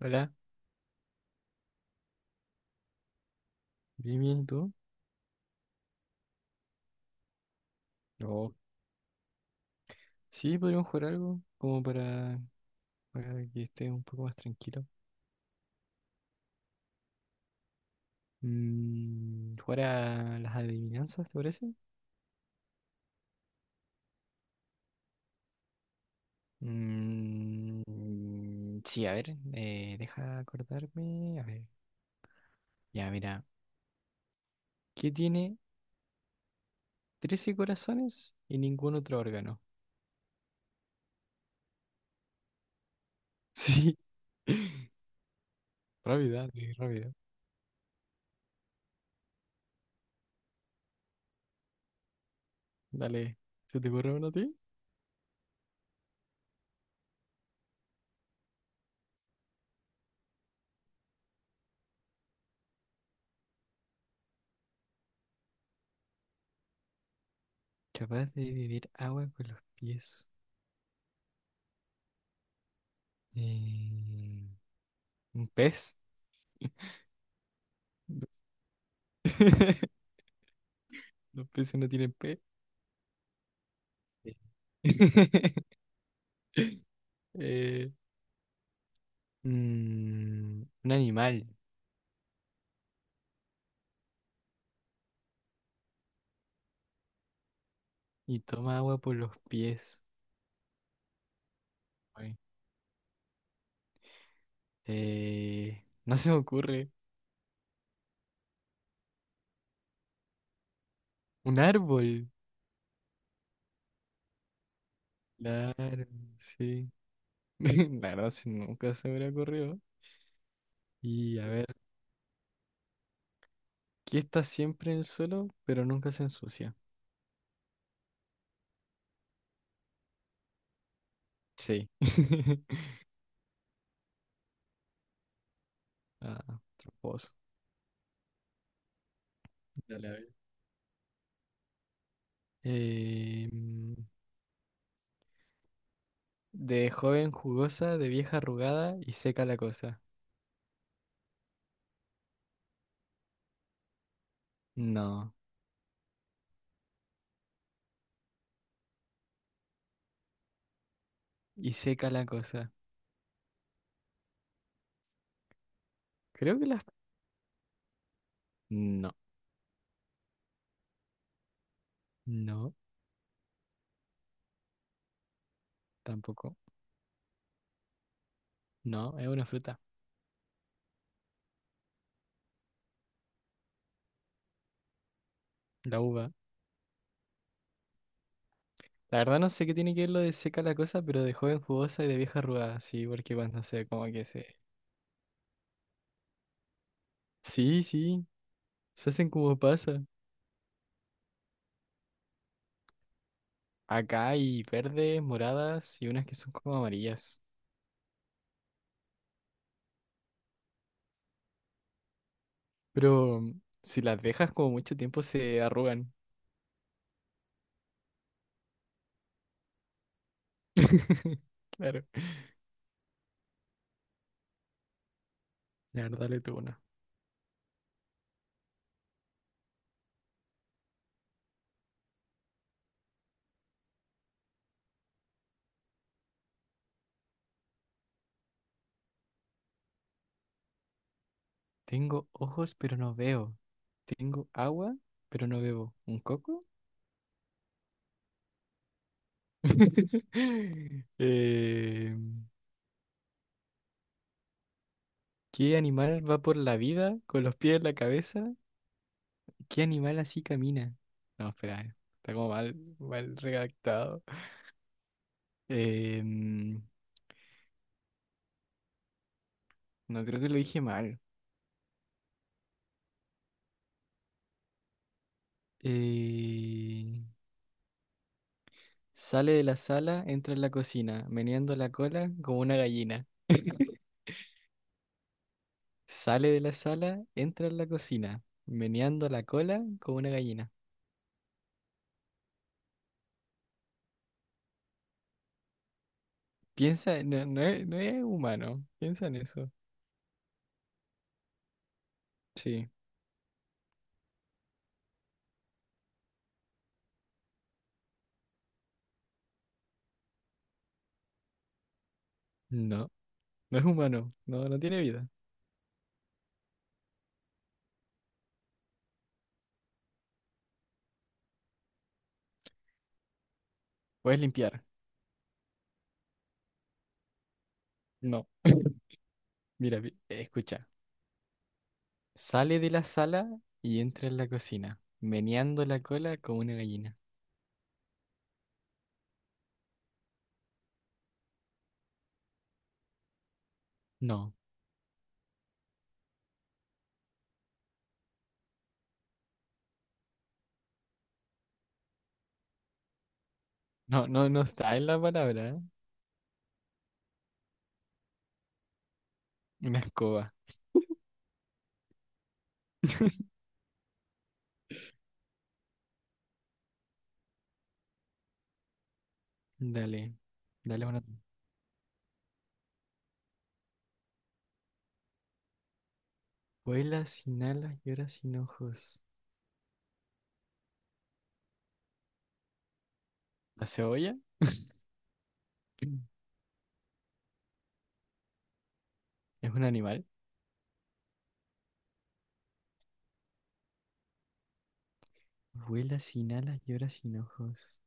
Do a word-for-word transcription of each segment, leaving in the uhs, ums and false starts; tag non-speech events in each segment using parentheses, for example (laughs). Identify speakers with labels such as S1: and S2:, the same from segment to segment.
S1: Hola, bien, bien, ¿y tú? No. Sí, podríamos jugar algo como para, para que estés un poco más tranquilo. Mm, jugar a las adivinanzas, ¿te parece? Mm, sí, a ver, eh, deja acordarme. A ver, ya, mira. ¿Qué tiene trece corazones y ningún otro órgano? (laughs) Sí. (laughs) Rápida, sí, rápida. Dale, ¿se te ocurre uno a ti? Capaz de beber agua con los pies. Eh, ¿un pez? (laughs) Los peces no tienen pe. Sí. (laughs) Eh, mm, un animal y toma agua por los pies. Ay. Eh, no se me ocurre. Un árbol. Claro, sí. (laughs) La verdad, sí, nunca se me hubiera ocurrido. Y a ver, ¿qué está siempre en el suelo, pero nunca se ensucia? Sí. (laughs) Ah, tramposo. Dale, a ver. Eh, mm, De joven jugosa, de vieja arrugada y seca la cosa. No. Y seca la cosa. Creo que las... No. No. Tampoco. No, es una fruta. La uva. La verdad no sé qué tiene que ver lo de seca la cosa, pero de joven jugosa y de vieja arrugada. Sí, porque cuando se... como que se... Sí, sí. Se hacen como pasa. Acá hay verdes, moradas y unas que son como amarillas. Pero si las dejas como mucho tiempo se arrugan. (laughs) Claro. La verdad le tuvo una. Tengo ojos, pero no veo. Tengo agua, pero no bebo. ¿Un coco? (laughs) Eh, ¿qué animal va por la vida con los pies en la cabeza? ¿Qué animal así camina? No, espera, eh, está como mal, mal redactado. Em, no creo que lo dije mal. Eh, sale de la sala, entra en la cocina, meneando la cola como una gallina. (laughs) Sale de la sala, entra en la cocina, meneando la cola como una gallina. Piensa, no, no es, no es humano, piensa en eso. Sí, no, no es humano, no, no tiene vida. Puedes limpiar, no. (laughs) Mira, pi- escucha, sale de la sala y entra en la cocina, meneando la cola como una gallina. No, no, no, no está en la palabra, ¿eh? Una escoba. Dale, dale una. Vuela sin alas y ora sin ojos. ¿La cebolla? (laughs) ¿Es un animal? Vuela sin alas llora sin ojos.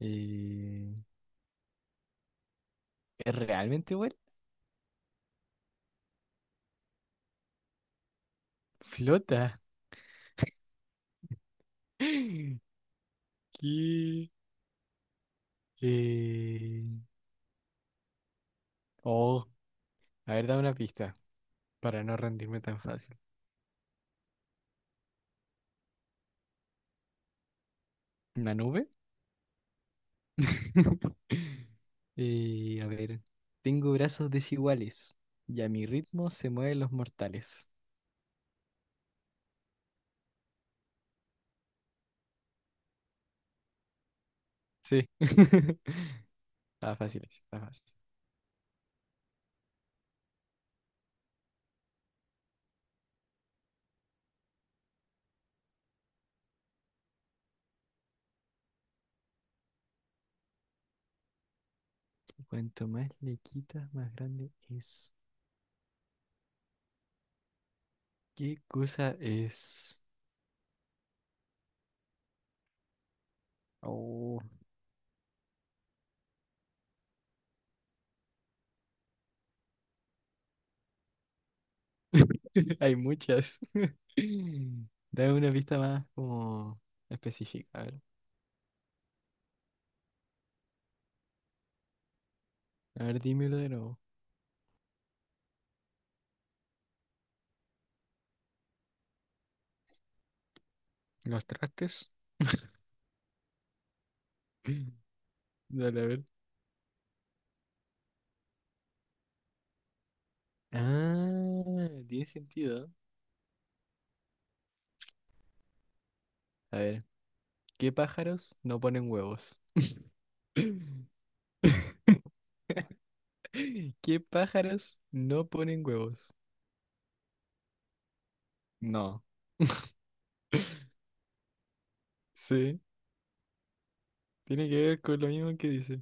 S1: Eh, ¿es ¿realmente vuela? Flota. (gasps) (laughs) ¿Qué? Eh, Oh, a ver, dame una pista para no rendirme tan fácil. ¿Una nube? (laughs) Eh, a ver. Tengo brazos desiguales y a mi ritmo se mueven los mortales. Sí. (laughs) Está fácil, ese, está fácil. Cuanto más le quitas, más grande es. ¿Qué cosa es? Oh. (laughs) Hay muchas. (laughs) Dame una pista más como específica. A ver, a ver, dímelo de nuevo. Los trastes. (clears throat) (laughs) Dale, a ver. Ah, tiene sentido. A ver, ¿qué pájaros no ponen huevos? (laughs) ¿Qué pájaros no ponen huevos? No. Sí, tiene que ver con lo mismo que dice.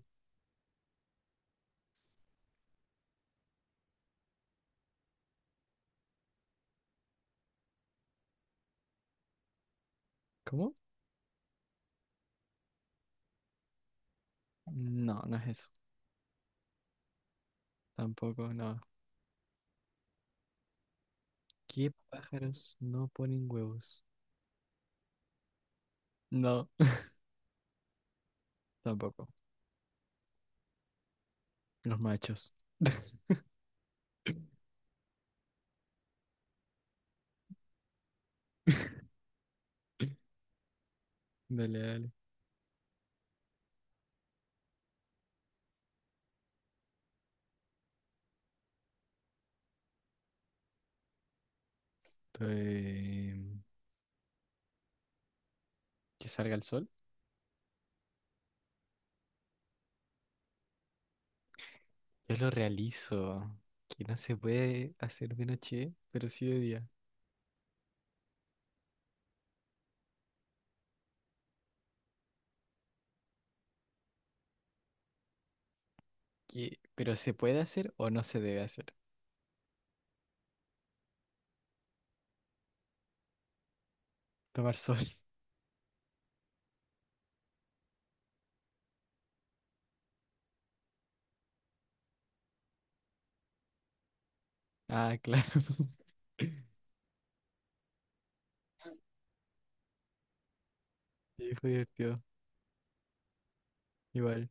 S1: ¿Cómo? No, no es eso. Tampoco, no. ¿Qué pájaros no ponen huevos? No, tampoco. Los machos. (laughs) Dale, dale. Estoy- Que salga el sol. Yo lo realizo. Que no se puede hacer de noche, pero sí de día. Que... Pero se puede hacer o no se debe hacer. Tomar sol. (laughs) Ah, claro. (laughs) Sí, fue divertido. Igual.